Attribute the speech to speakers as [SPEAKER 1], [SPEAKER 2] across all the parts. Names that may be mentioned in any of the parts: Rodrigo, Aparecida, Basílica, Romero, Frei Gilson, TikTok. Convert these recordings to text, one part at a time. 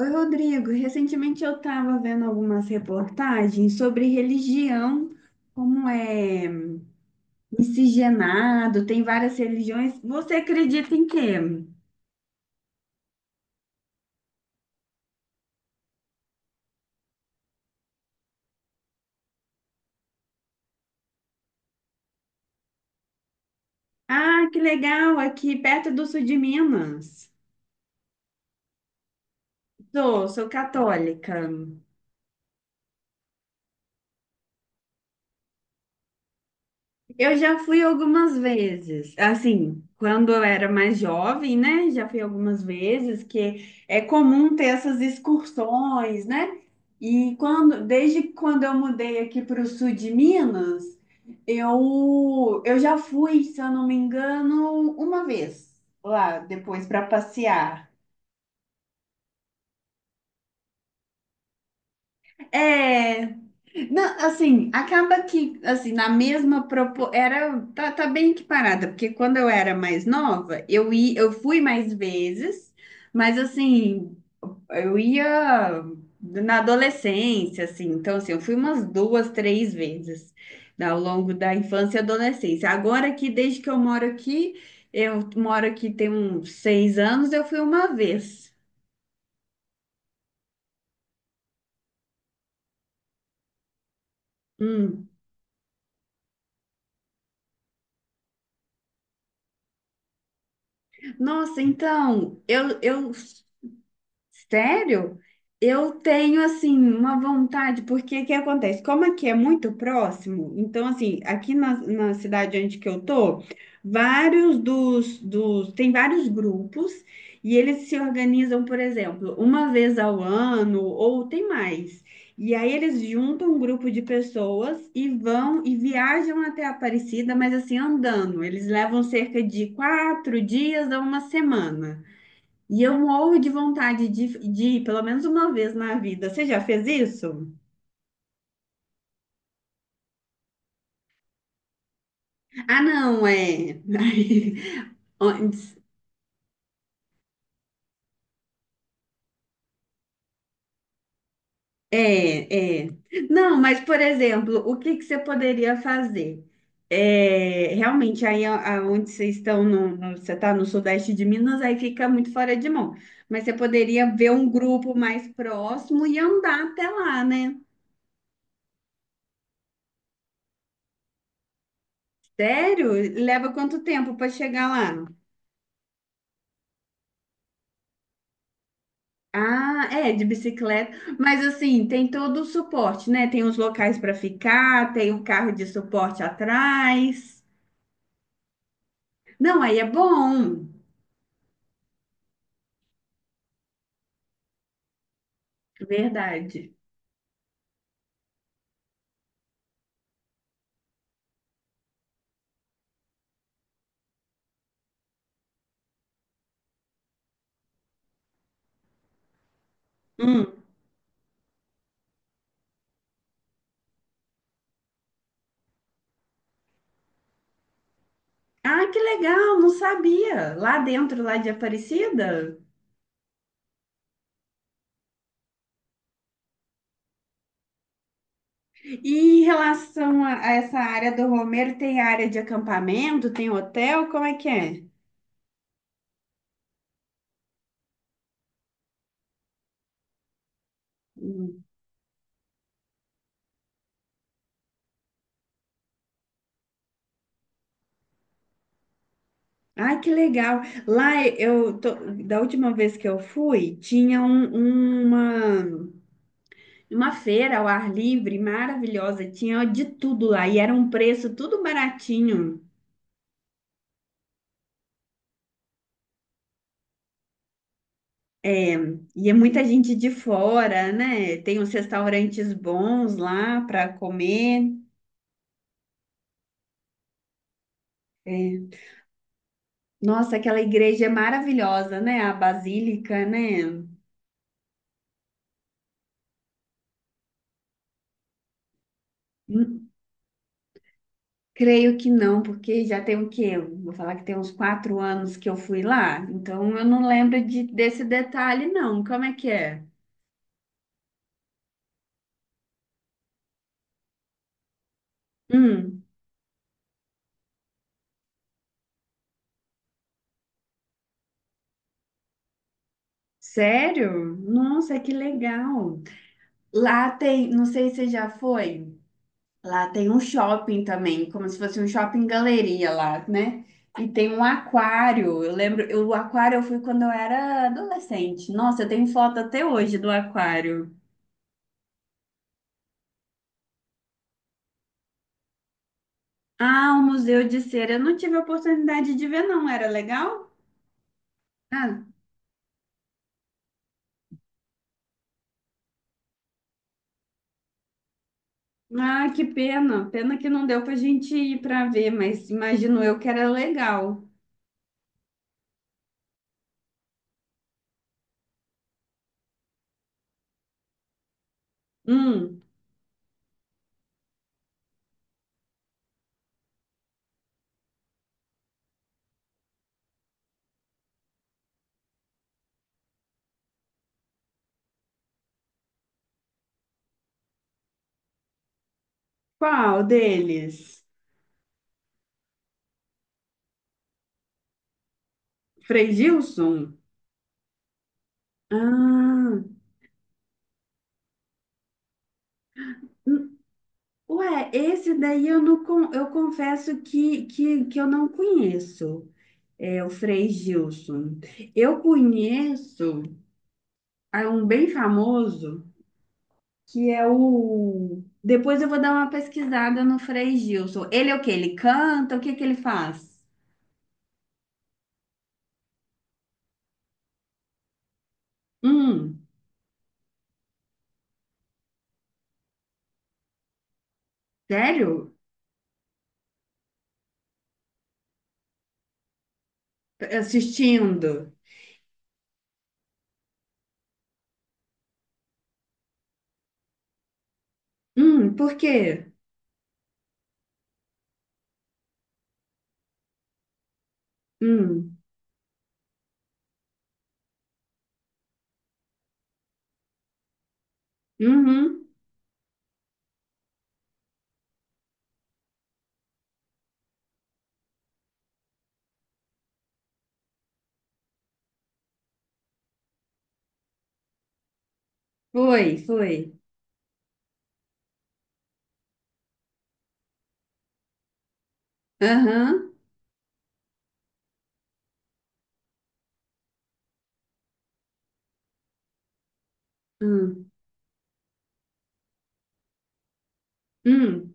[SPEAKER 1] Oi, Rodrigo. Recentemente eu estava vendo algumas reportagens sobre religião, como é miscigenado, tem várias religiões. Você acredita em quê? Ah, que legal, aqui perto do sul de Minas. Sou católica. Eu já fui algumas vezes, assim, quando eu era mais jovem, né? Já fui algumas vezes, que é comum ter essas excursões, né? Desde quando eu mudei aqui para o sul de Minas, eu já fui, se eu não me engano, uma vez lá depois para passear. É. Não, assim, acaba que, assim, na mesma era, tá bem equiparada, porque quando eu era mais nova, eu ia, eu fui mais vezes, mas assim, eu ia na adolescência, assim, então assim, eu fui umas 2, 3 vezes, né, ao longo da infância e adolescência. Agora que desde que eu moro aqui tem uns 6 anos, eu fui uma vez. Hum. Nossa, então, eu. Sério? Eu tenho assim uma vontade, porque o que acontece? Como aqui é muito próximo, então assim, aqui na cidade onde que eu tô, vários dos, dos tem vários grupos e eles se organizam, por exemplo, uma vez ao ano ou tem mais. E aí eles juntam um grupo de pessoas e vão e viajam até Aparecida, mas assim andando. Eles levam cerca de 4 dias a uma semana. E eu morro de vontade de ir pelo menos uma vez na vida. Você já fez isso? Ah, não, é. Antes- É, é. Não, mas, por exemplo, o que que você poderia fazer? É, realmente, aí aonde vocês estão, você está no sudeste de Minas, aí fica muito fora de mão. Mas você poderia ver um grupo mais próximo e andar até lá, né? Sério? Leva quanto tempo para chegar lá? Ah, é, de bicicleta. Mas assim, tem todo o suporte, né? Tem os locais para ficar, tem o carro de suporte atrás. Não, aí é bom, verdade. Hum. Ah, que legal, não sabia. Lá dentro, lá de Aparecida. E em relação a essa área do Romero, tem área de acampamento, tem hotel, como é que é? Hum. Ai, que legal. Lá eu tô, da última vez que eu fui, tinha uma feira ao ar livre, maravilhosa, tinha de tudo lá e era um preço tudo baratinho. É, e é muita gente de fora, né? Tem uns restaurantes bons lá para comer. É. Nossa, aquela igreja é maravilhosa, né? A Basílica, né? Hum, Creio que não, porque já tem o quê? Vou falar que tem uns 4 anos que eu fui lá, então eu não lembro desse detalhe, não. Como é que é? Hum, Sério? Nossa, que legal! Lá tem, não sei se você já foi, lá tem um shopping também, como se fosse um shopping galeria lá, né? E tem um aquário. Eu lembro, eu, o aquário eu fui quando eu era adolescente. Nossa, eu tenho foto até hoje do aquário. Ah, o Museu de Cera. Eu não tive a oportunidade de ver, não. Era legal? Ah, ah, que pena. Pena que não deu pra gente ir pra ver, mas imagino eu que era legal. Hum, Qual deles? Frei Gilson? Ah. Ué, esse daí eu não con- eu confesso que eu não conheço, é o Frei Gilson. Eu conheço, um bem famoso que é o. Depois eu vou dar uma pesquisada no Frei Gilson. Ele é o quê? Ele canta? O que que ele faz? Hum, Sério? Assistindo? Por quê? Hum. Uhum. Foi, foi. Aham. Hum, hum.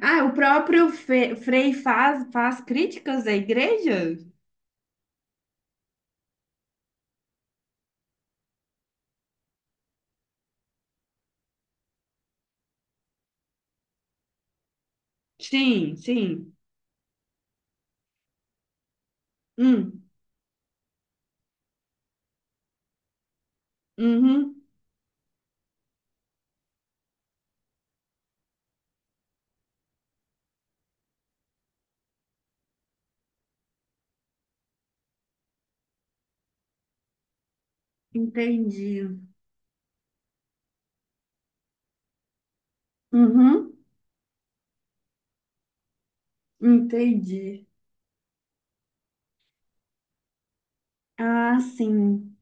[SPEAKER 1] Ah, o próprio Frei faz críticas à igreja? Sim, sim. Hum. Uhum. Entendi. Uhum. Entendi. Ah, sim.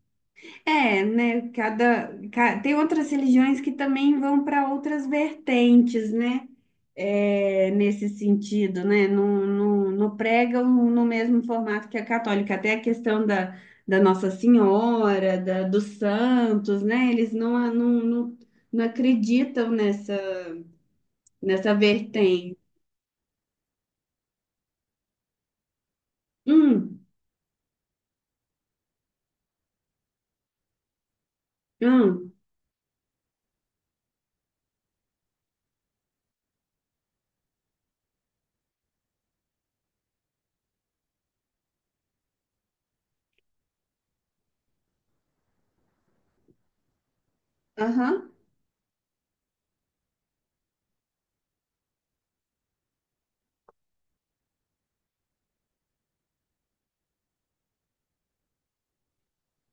[SPEAKER 1] É, né? Tem outras religiões que também vão para outras vertentes, né? É, nesse sentido, né? Não, não, não pregam no mesmo formato que a católica. Até a questão da Nossa Senhora, da, dos santos, né? Eles não, não, não, não acreditam nessa vertente. Hum, hum. Aham.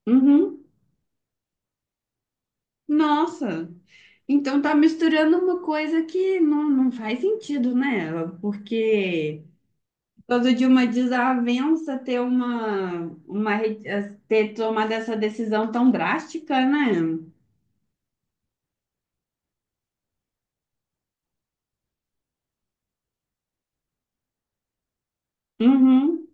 [SPEAKER 1] Uhum. Nossa. Então tá misturando uma coisa que não, não faz sentido, né? Porque todo dia uma desavença ter uma re- ter tomado essa decisão tão drástica, né? Uhum,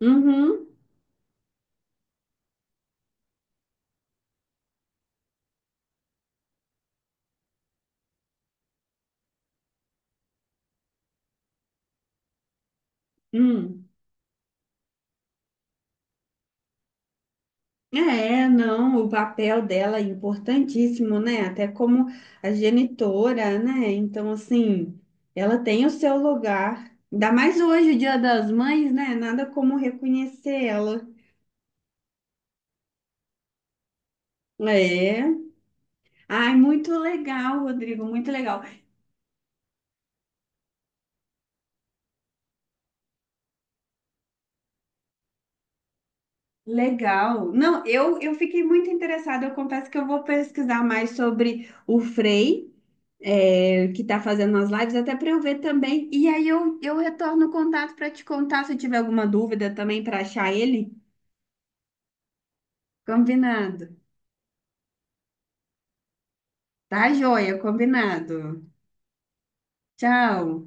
[SPEAKER 1] uhum, hum. É, não, o papel dela é importantíssimo, né? Até como a genitora, né? Então, assim, ela tem o seu lugar. Ainda mais hoje, o Dia das Mães, né? Nada como reconhecer ela. É. Ai, muito legal, Rodrigo, muito legal. Legal. Não, eu fiquei muito interessada. Eu confesso que eu vou pesquisar mais sobre o Frei, que está fazendo as lives, até para eu ver também. E aí eu retorno o contato para te contar se eu tiver alguma dúvida também para achar ele. Combinado. Tá, joia, combinado. Tchau.